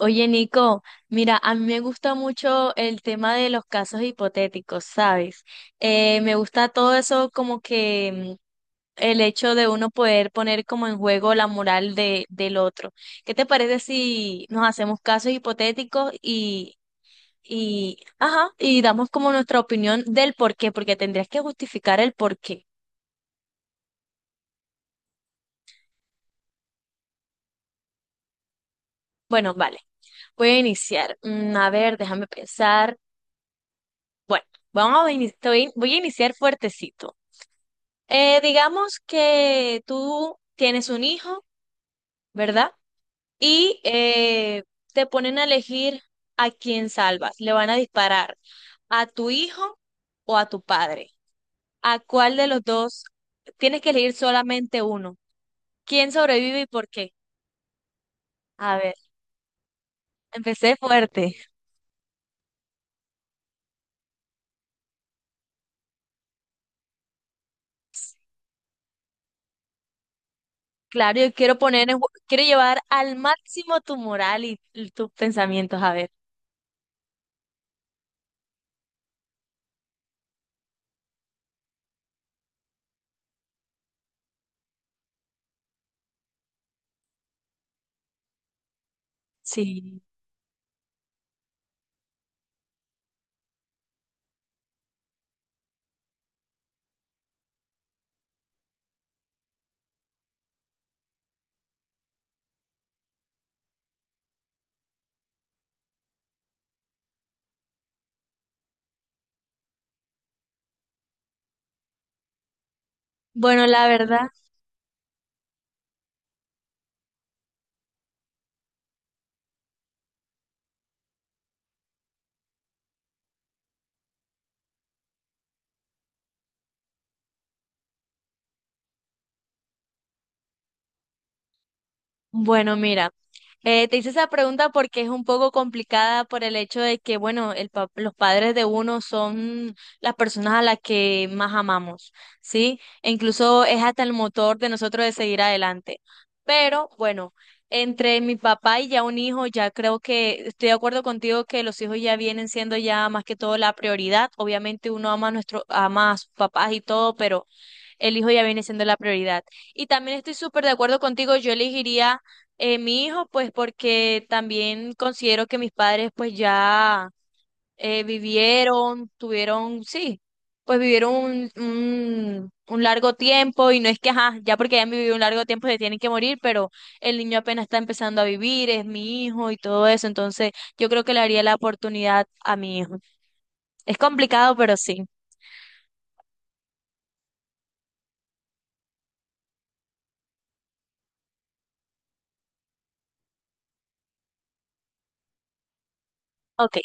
Oye, Nico, mira, a mí me gusta mucho el tema de los casos hipotéticos, ¿sabes? Me gusta todo eso como que el hecho de uno poder poner como en juego la moral de, del otro. ¿Qué te parece si nos hacemos casos hipotéticos y, ajá, y damos como nuestra opinión del por qué? Porque tendrías que justificar el por qué. Bueno, vale, voy a iniciar. A ver, déjame pensar. Bueno, vamos a iniciar, voy a iniciar fuertecito. Digamos que tú tienes un hijo, ¿verdad? Y te ponen a elegir a quién salvas. Le van a disparar a tu hijo o a tu padre. ¿A cuál de los dos? Tienes que elegir solamente uno. ¿Quién sobrevive y por qué? A ver, empecé fuerte. Claro, yo quiero poner, quiero llevar al máximo tu moral y tus pensamientos. A ver, sí. Bueno, la verdad, bueno, mira. Te hice esa pregunta porque es un poco complicada por el hecho de que, bueno, los padres de uno son las personas a las que más amamos, ¿sí? E incluso es hasta el motor de nosotros de seguir adelante. Pero bueno, entre mi papá y ya un hijo, ya creo que estoy de acuerdo contigo que los hijos ya vienen siendo ya más que todo la prioridad. Obviamente uno ama a nuestro, ama a sus papás y todo, pero el hijo ya viene siendo la prioridad. Y también estoy súper de acuerdo contigo, yo elegiría mi hijo, pues porque también considero que mis padres pues ya vivieron, tuvieron, sí, pues vivieron un largo tiempo y no es que, ajá, ya porque hayan vivido un largo tiempo se tienen que morir, pero el niño apenas está empezando a vivir, es mi hijo y todo eso, entonces yo creo que le haría la oportunidad a mi hijo. Es complicado, pero sí. Ok,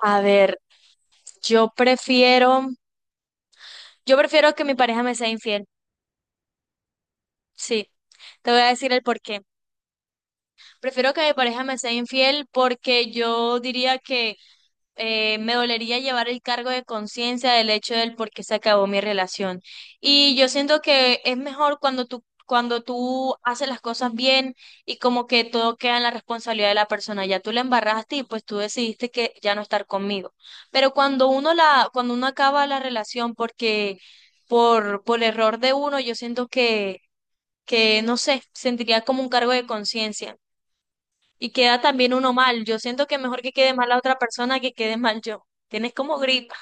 a ver, yo prefiero... Yo prefiero que mi pareja me sea infiel. Sí, te voy a decir el por qué. Prefiero que mi pareja me sea infiel porque yo diría que me dolería llevar el cargo de conciencia del hecho del por qué se acabó mi relación. Y yo siento que es mejor cuando tú haces las cosas bien y como que todo queda en la responsabilidad de la persona. Ya tú la embarraste y pues tú decidiste que ya no estar conmigo. Pero cuando uno la, cuando uno acaba la relación porque por error de uno, yo siento que no sé, sentiría como un cargo de conciencia y queda también uno mal. Yo siento que mejor que quede mal la otra persona que quede mal yo. Tienes como gripa.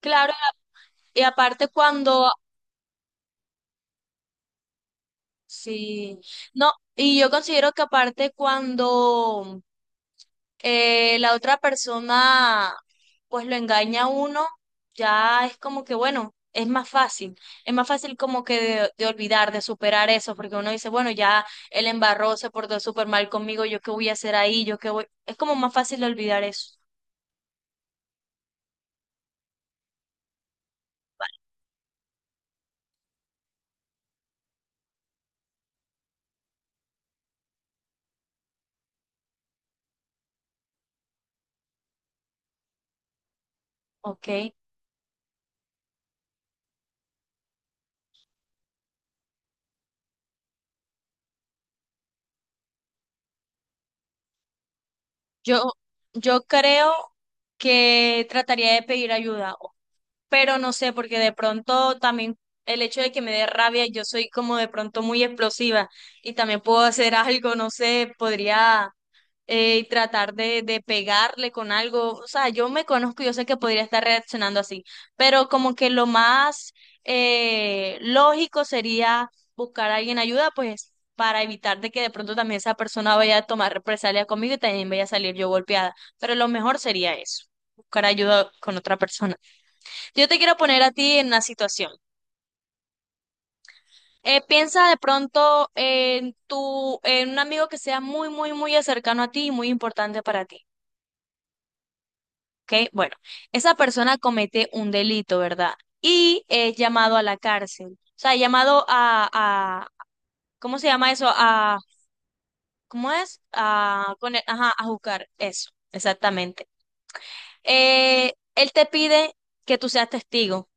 Claro, y aparte cuando, sí, no, y yo considero que aparte cuando la otra persona pues lo engaña a uno, ya es como que bueno, es más fácil como que de olvidar, de superar eso, porque uno dice, bueno, ya él embarró, se portó súper mal conmigo, yo qué voy a hacer ahí, yo qué voy, es como más fácil de olvidar eso, ¿ok? Yo, yo creo que trataría de pedir ayuda, pero no sé, porque de pronto también el hecho de que me dé rabia, yo soy como de pronto muy explosiva y también puedo hacer algo, no sé, podría tratar de pegarle con algo, o sea, yo me conozco, yo sé que podría estar reaccionando así, pero como que lo más lógico sería buscar a alguien ayuda, pues para evitar de que de pronto también esa persona vaya a tomar represalias conmigo y también vaya a salir yo golpeada. Pero lo mejor sería eso, buscar ayuda con otra persona. Yo te quiero poner a ti en una situación. Piensa de pronto en tu, en un amigo que sea muy, muy, muy cercano a ti y muy importante para ti. ¿Ok? Bueno, esa persona comete un delito, ¿verdad? Y es llamado a la cárcel. O sea, llamado a, ¿cómo se llama eso? A, ¿cómo es? A, ajá, a juzgar. Eso, exactamente. Él te pide que tú seas testigo.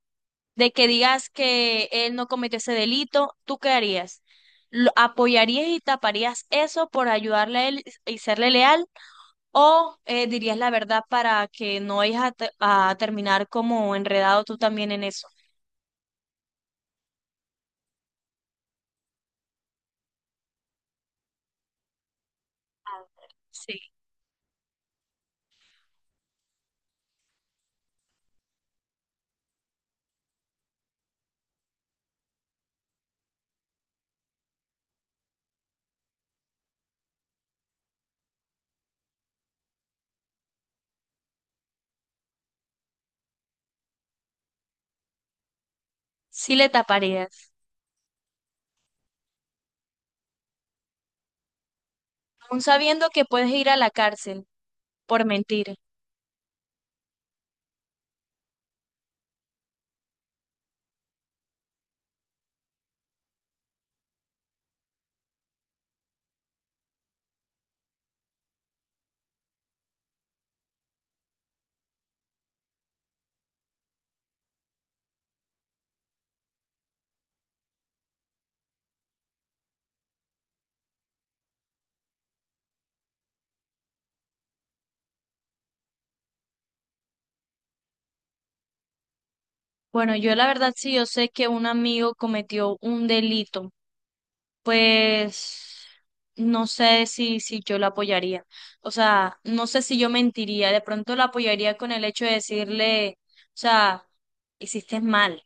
De que digas que él no cometió ese delito, ¿tú qué harías? ¿Lo apoyarías y taparías eso por ayudarle a él y serle leal? ¿O dirías la verdad para que no vayas a, a terminar como enredado tú también en eso? Sí, sí le taparías, aún sabiendo que puedes ir a la cárcel por mentir. Bueno, yo la verdad sí, yo sé que un amigo cometió un delito, pues no sé si, si yo la apoyaría. O sea, no sé si yo mentiría. De pronto la apoyaría con el hecho de decirle, o sea, hiciste mal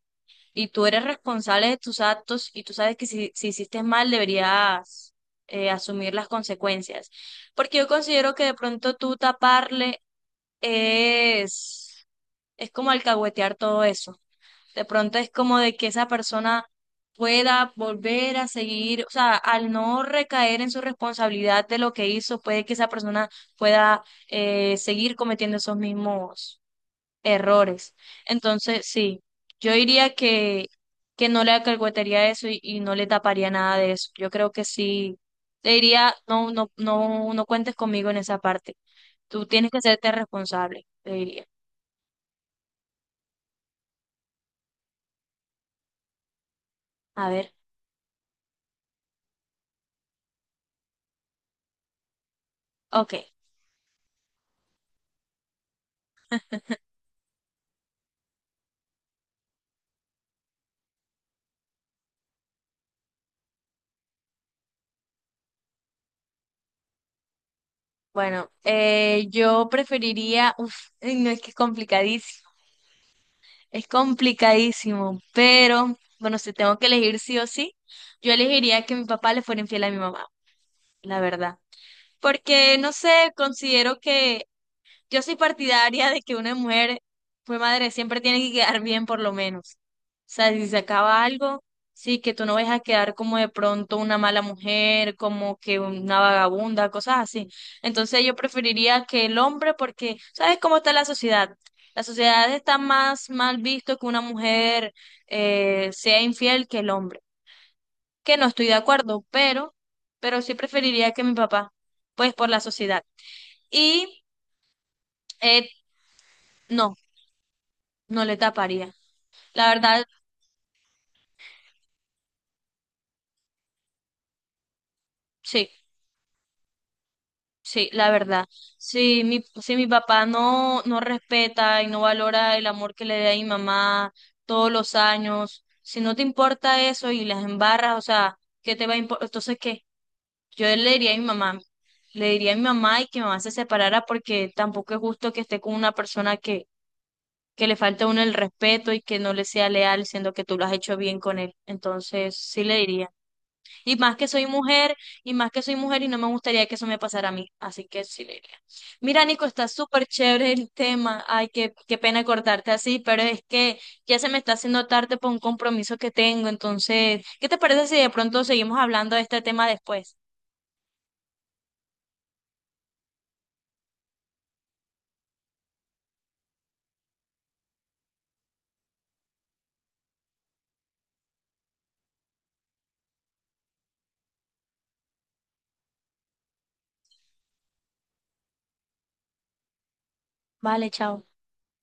y tú eres responsable de tus actos y tú sabes que si, si hiciste mal deberías asumir las consecuencias. Porque yo considero que de pronto tú taparle es, es como alcahuetear todo eso. De pronto es como de que esa persona pueda volver a seguir, o sea, al no recaer en su responsabilidad de lo que hizo, puede que esa persona pueda seguir cometiendo esos mismos errores. Entonces, sí, yo diría que no le acalcuetaría eso y no le taparía nada de eso. Yo creo que sí, le diría, no, no, no, no cuentes conmigo en esa parte. Tú tienes que serte responsable, le diría. A ver, ok. Bueno, yo preferiría, uf, ay, no es que es complicadísimo, pero bueno, si tengo que elegir sí o sí, yo elegiría que mi papá le fuera infiel a mi mamá, la verdad. Porque, no sé, considero que yo soy partidaria de que una mujer fue madre, siempre tiene que quedar bien por lo menos. O sea, si se acaba algo, sí, que tú no vayas a quedar como de pronto una mala mujer, como que una vagabunda, cosas así. Entonces yo preferiría que el hombre, porque, ¿sabes cómo está la sociedad? La sociedad está más mal visto que una mujer sea infiel que el hombre. Que no estoy de acuerdo, pero sí preferiría que mi papá, pues por la sociedad. Y eh, no. No le taparía. La verdad, sí, sí, la verdad. Si mi, si mi papá no, no respeta y no valora el amor que le da a mi mamá todos los años, si no te importa eso y las embarras, o sea, ¿qué te va a importar? Entonces, ¿qué? Yo le diría a mi mamá, le diría a mi mamá y que mi mamá se separara porque tampoco es justo que esté con una persona que le falta a uno el respeto y que no le sea leal, siendo que tú lo has hecho bien con él. Entonces, sí le diría. Y más que soy mujer, y más que soy mujer, y no me gustaría que eso me pasara a mí. Así que sí le diría. Mira, Nico, está súper chévere el tema. Ay, qué, qué pena cortarte así, pero es que ya se me está haciendo tarde por un compromiso que tengo. Entonces, ¿qué te parece si de pronto seguimos hablando de este tema después? Vale, chao.